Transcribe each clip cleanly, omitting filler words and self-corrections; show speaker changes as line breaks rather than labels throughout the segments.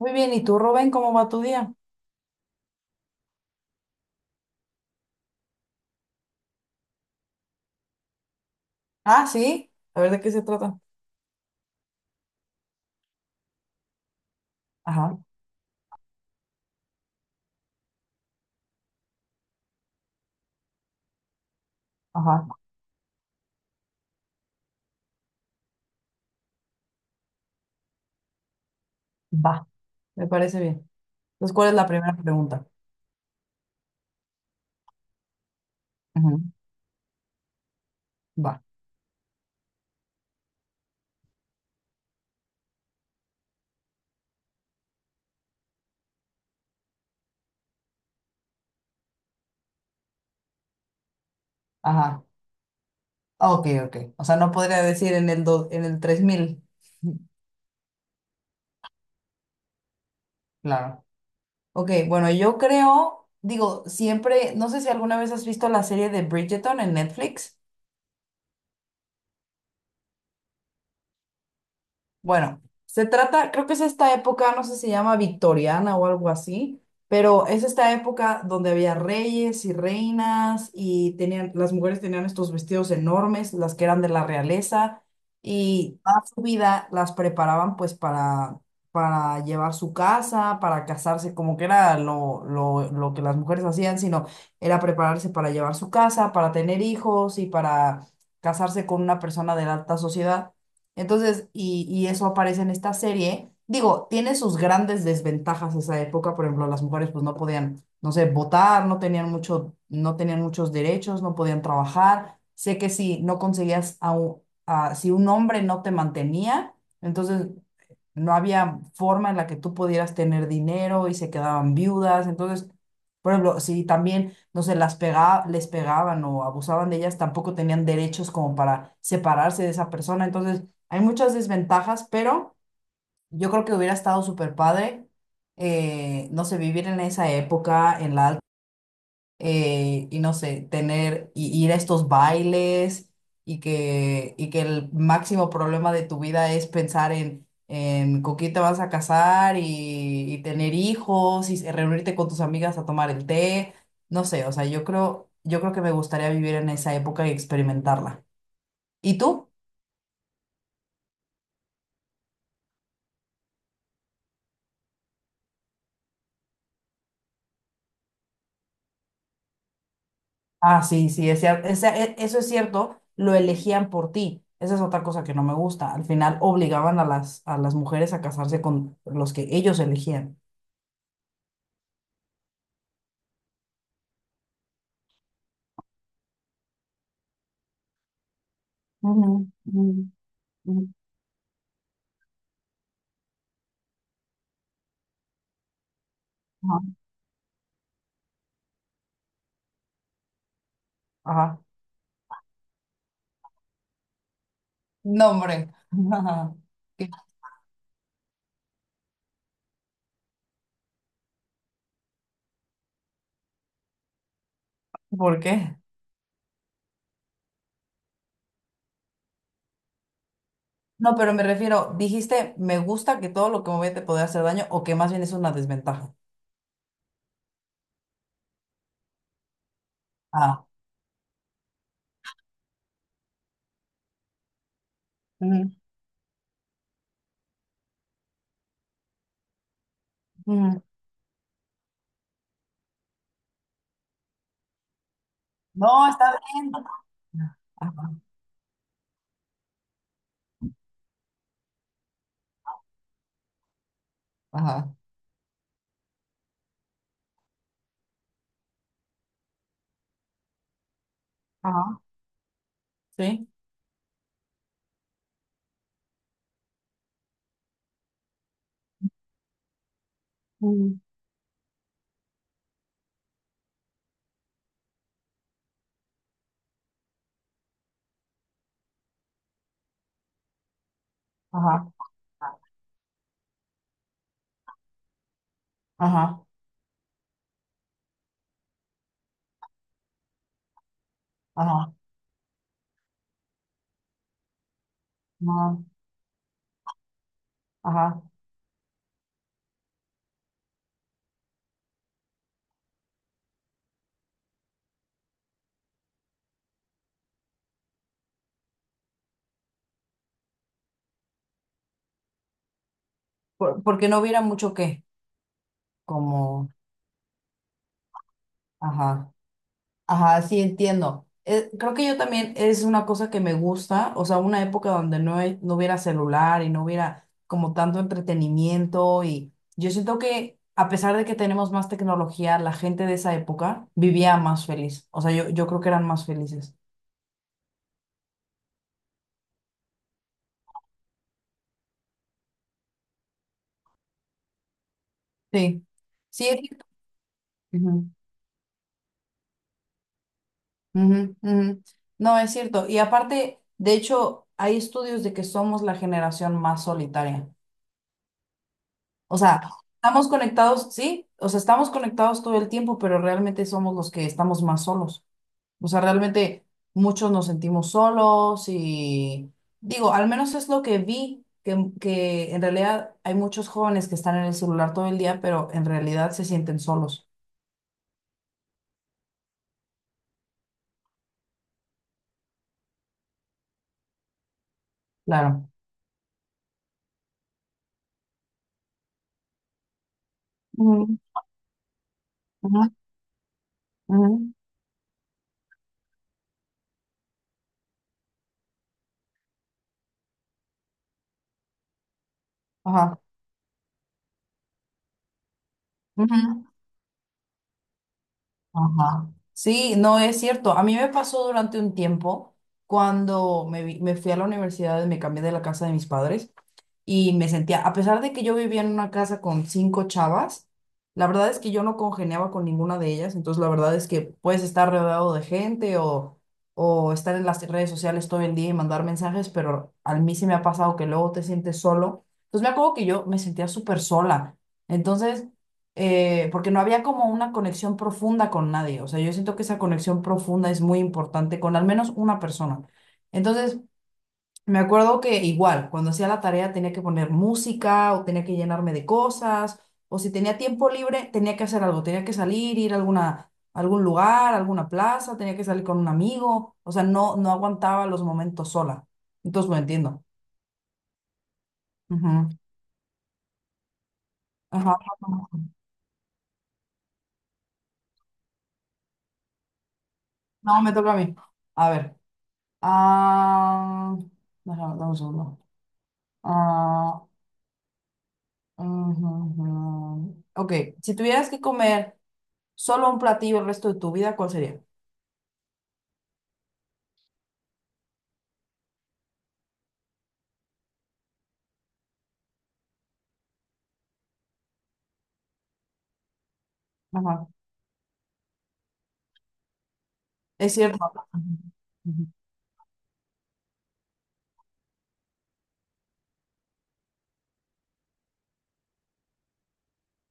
Muy bien, ¿y tú, Rubén, cómo va tu día? Ah, sí, a ver de qué se trata. Ajá, ajá, va, me parece bien. Entonces, ¿cuál es la primera pregunta? Ujú, va, ajá, ah, ok, ok. O sea, no podría decir en el 3000. Claro. Ok, bueno, yo creo, digo, siempre, no sé si alguna vez has visto la serie de Bridgerton en Netflix. Bueno, se trata, creo que es esta época, no sé si se llama victoriana o algo así, pero es esta época donde había reyes y reinas y tenían, las mujeres tenían estos vestidos enormes, las que eran de la realeza, y toda su vida las preparaban pues para llevar su casa, para casarse, como que era lo que las mujeres hacían, sino era prepararse para llevar su casa, para tener hijos y para casarse con una persona de la alta sociedad. Entonces, y eso aparece en esta serie. Digo, tiene sus grandes desventajas esa época. Por ejemplo, las mujeres pues no podían, no sé, votar, no tenían muchos derechos, no podían trabajar. Sé que si no conseguías si un hombre no te mantenía, entonces no había forma en la que tú pudieras tener dinero y se quedaban viudas. Entonces, por ejemplo, si también, no sé, les pegaban o abusaban de ellas, tampoco tenían derechos como para separarse de esa persona. Entonces, hay muchas desventajas, pero yo creo que hubiera estado súper padre, no sé, vivir en esa época, en la alta, y no sé, tener, y ir a estos bailes, y que el máximo problema de tu vida es pensar en con quién te vas a casar y tener hijos, y reunirte con tus amigas a tomar el té, no sé, o sea, yo creo que me gustaría vivir en esa época y experimentarla. ¿Y tú? Ah, sí, sí, es cierto. Eso es cierto, lo elegían por ti. Esa es otra cosa que no me gusta. Al final obligaban a las mujeres a casarse con los que ellos elegían. Ujú, ujú, ujú, ajá. Ajá. No, hombre. Ajá. ¿Qué? ¿Por qué? No, pero me refiero, dijiste, me gusta que todo lo que me ve te puede hacer daño o que más bien es una desventaja. Ah. Ujú, ujú. No, está bien. Ajá. Ajá. Ajá. Sí. Ujú. Ajá. Ajá. Ajá, ajá, ajá. Porque no hubiera mucho que, como, ajá, ajá, sí entiendo. Creo que yo también es una cosa que me gusta, o sea, una época donde no hubiera celular y no hubiera como tanto entretenimiento y yo siento que a pesar de que tenemos más tecnología, la gente de esa época vivía más feliz, o sea, yo creo que eran más felices. Sí, sí, ujú. Ujú, ujú. No, es cierto. Y aparte, de hecho, hay estudios de que somos la generación más solitaria. O sea, estamos conectados, sí, o sea, estamos conectados todo el tiempo, pero realmente somos los que estamos más solos. O sea, realmente muchos nos sentimos solos y digo, al menos es lo que vi, que en realidad hay muchos jóvenes que están en el celular todo el día, pero en realidad se sienten solos. Claro. Ujú, ujú, ujú. Ajá. Ujú. Ajá. Sí, no es cierto. A mí me pasó durante un tiempo cuando me fui a la universidad y me cambié de la casa de mis padres y me sentía, a pesar de que yo vivía en una casa con cinco chavas, la verdad es que yo no congeniaba con ninguna de ellas, entonces la verdad es que puedes estar rodeado de gente o estar en las redes sociales todo el día y mandar mensajes, pero a mí sí me ha pasado que luego te sientes solo. Entonces me acuerdo que yo me sentía súper sola, entonces, porque no había como una conexión profunda con nadie, o sea, yo siento que esa conexión profunda es muy importante con al menos una persona. Entonces, me acuerdo que igual, cuando hacía la tarea tenía que poner música o tenía que llenarme de cosas, o si tenía tiempo libre tenía que hacer algo, tenía que salir, ir a algún lugar, alguna plaza, tenía que salir con un amigo, o sea, no, no aguantaba los momentos sola. Entonces lo entiendo. Ujú. Ajá. No, me toca a mí. A ver. Ah, dame un segundo. Ah, ujú, ujú. Ok, si tuvieras que comer solo un platillo el resto de tu vida, ¿cuál sería? Ajá. Es cierto. Ujú,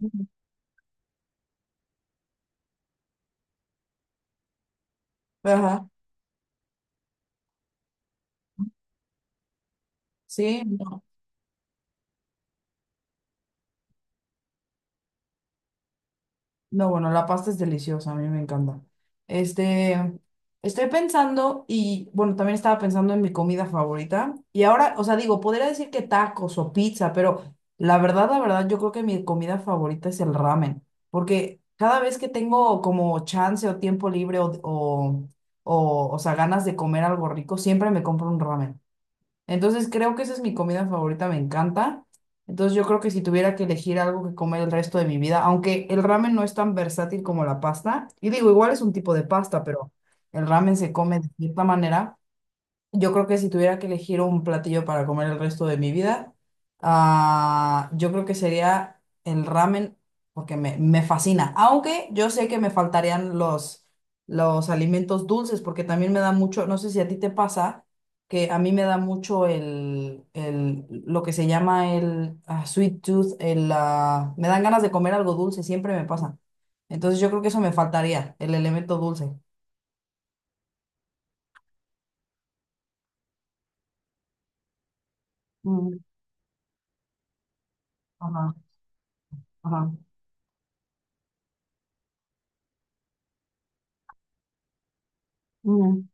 ujú. Ajá. Sí, no. No, bueno, la pasta es deliciosa, a mí me encanta. Este, Estoy pensando y, bueno, también estaba pensando en mi comida favorita. Y ahora, o sea, digo, podría decir que tacos o pizza, pero la verdad, yo creo que mi comida favorita es el ramen. Porque cada vez que tengo como chance o tiempo libre o sea, ganas de comer algo rico, siempre me compro un ramen. Entonces creo que esa es mi comida favorita, me encanta. Entonces yo creo que si tuviera que elegir algo que comer el resto de mi vida, aunque el ramen no es tan versátil como la pasta, y digo, igual es un tipo de pasta, pero el ramen se come de cierta manera. Yo creo que si tuviera que elegir un platillo para comer el resto de mi vida, yo creo que sería el ramen, porque me fascina. Aunque yo sé que me faltarían los alimentos dulces, porque también me da mucho, no sé si a ti te pasa, que a mí me da mucho el lo que se llama el sweet tooth, me dan ganas de comer algo dulce, siempre me pasa. Entonces yo creo que eso me faltaría, el elemento dulce. Mm, ajá, ajá. Mm.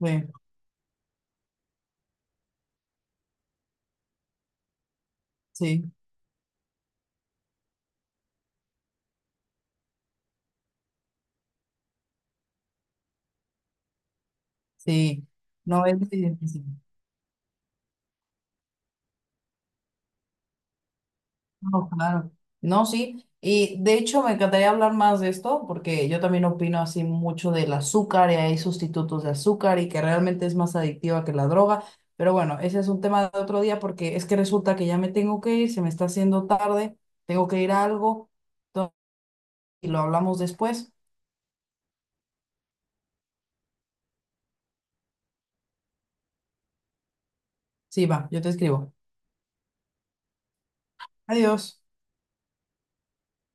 Sí. Sí, sí. No es difícil. No, claro. No, sí. Y de hecho me encantaría hablar más de esto porque yo también opino así mucho del azúcar y hay sustitutos de azúcar y que realmente es más adictiva que la droga. Pero bueno, ese es un tema de otro día porque es que resulta que ya me tengo que ir, se me está haciendo tarde, tengo que ir a algo. Entonces, y lo hablamos después. Sí, va, yo te escribo. Adiós.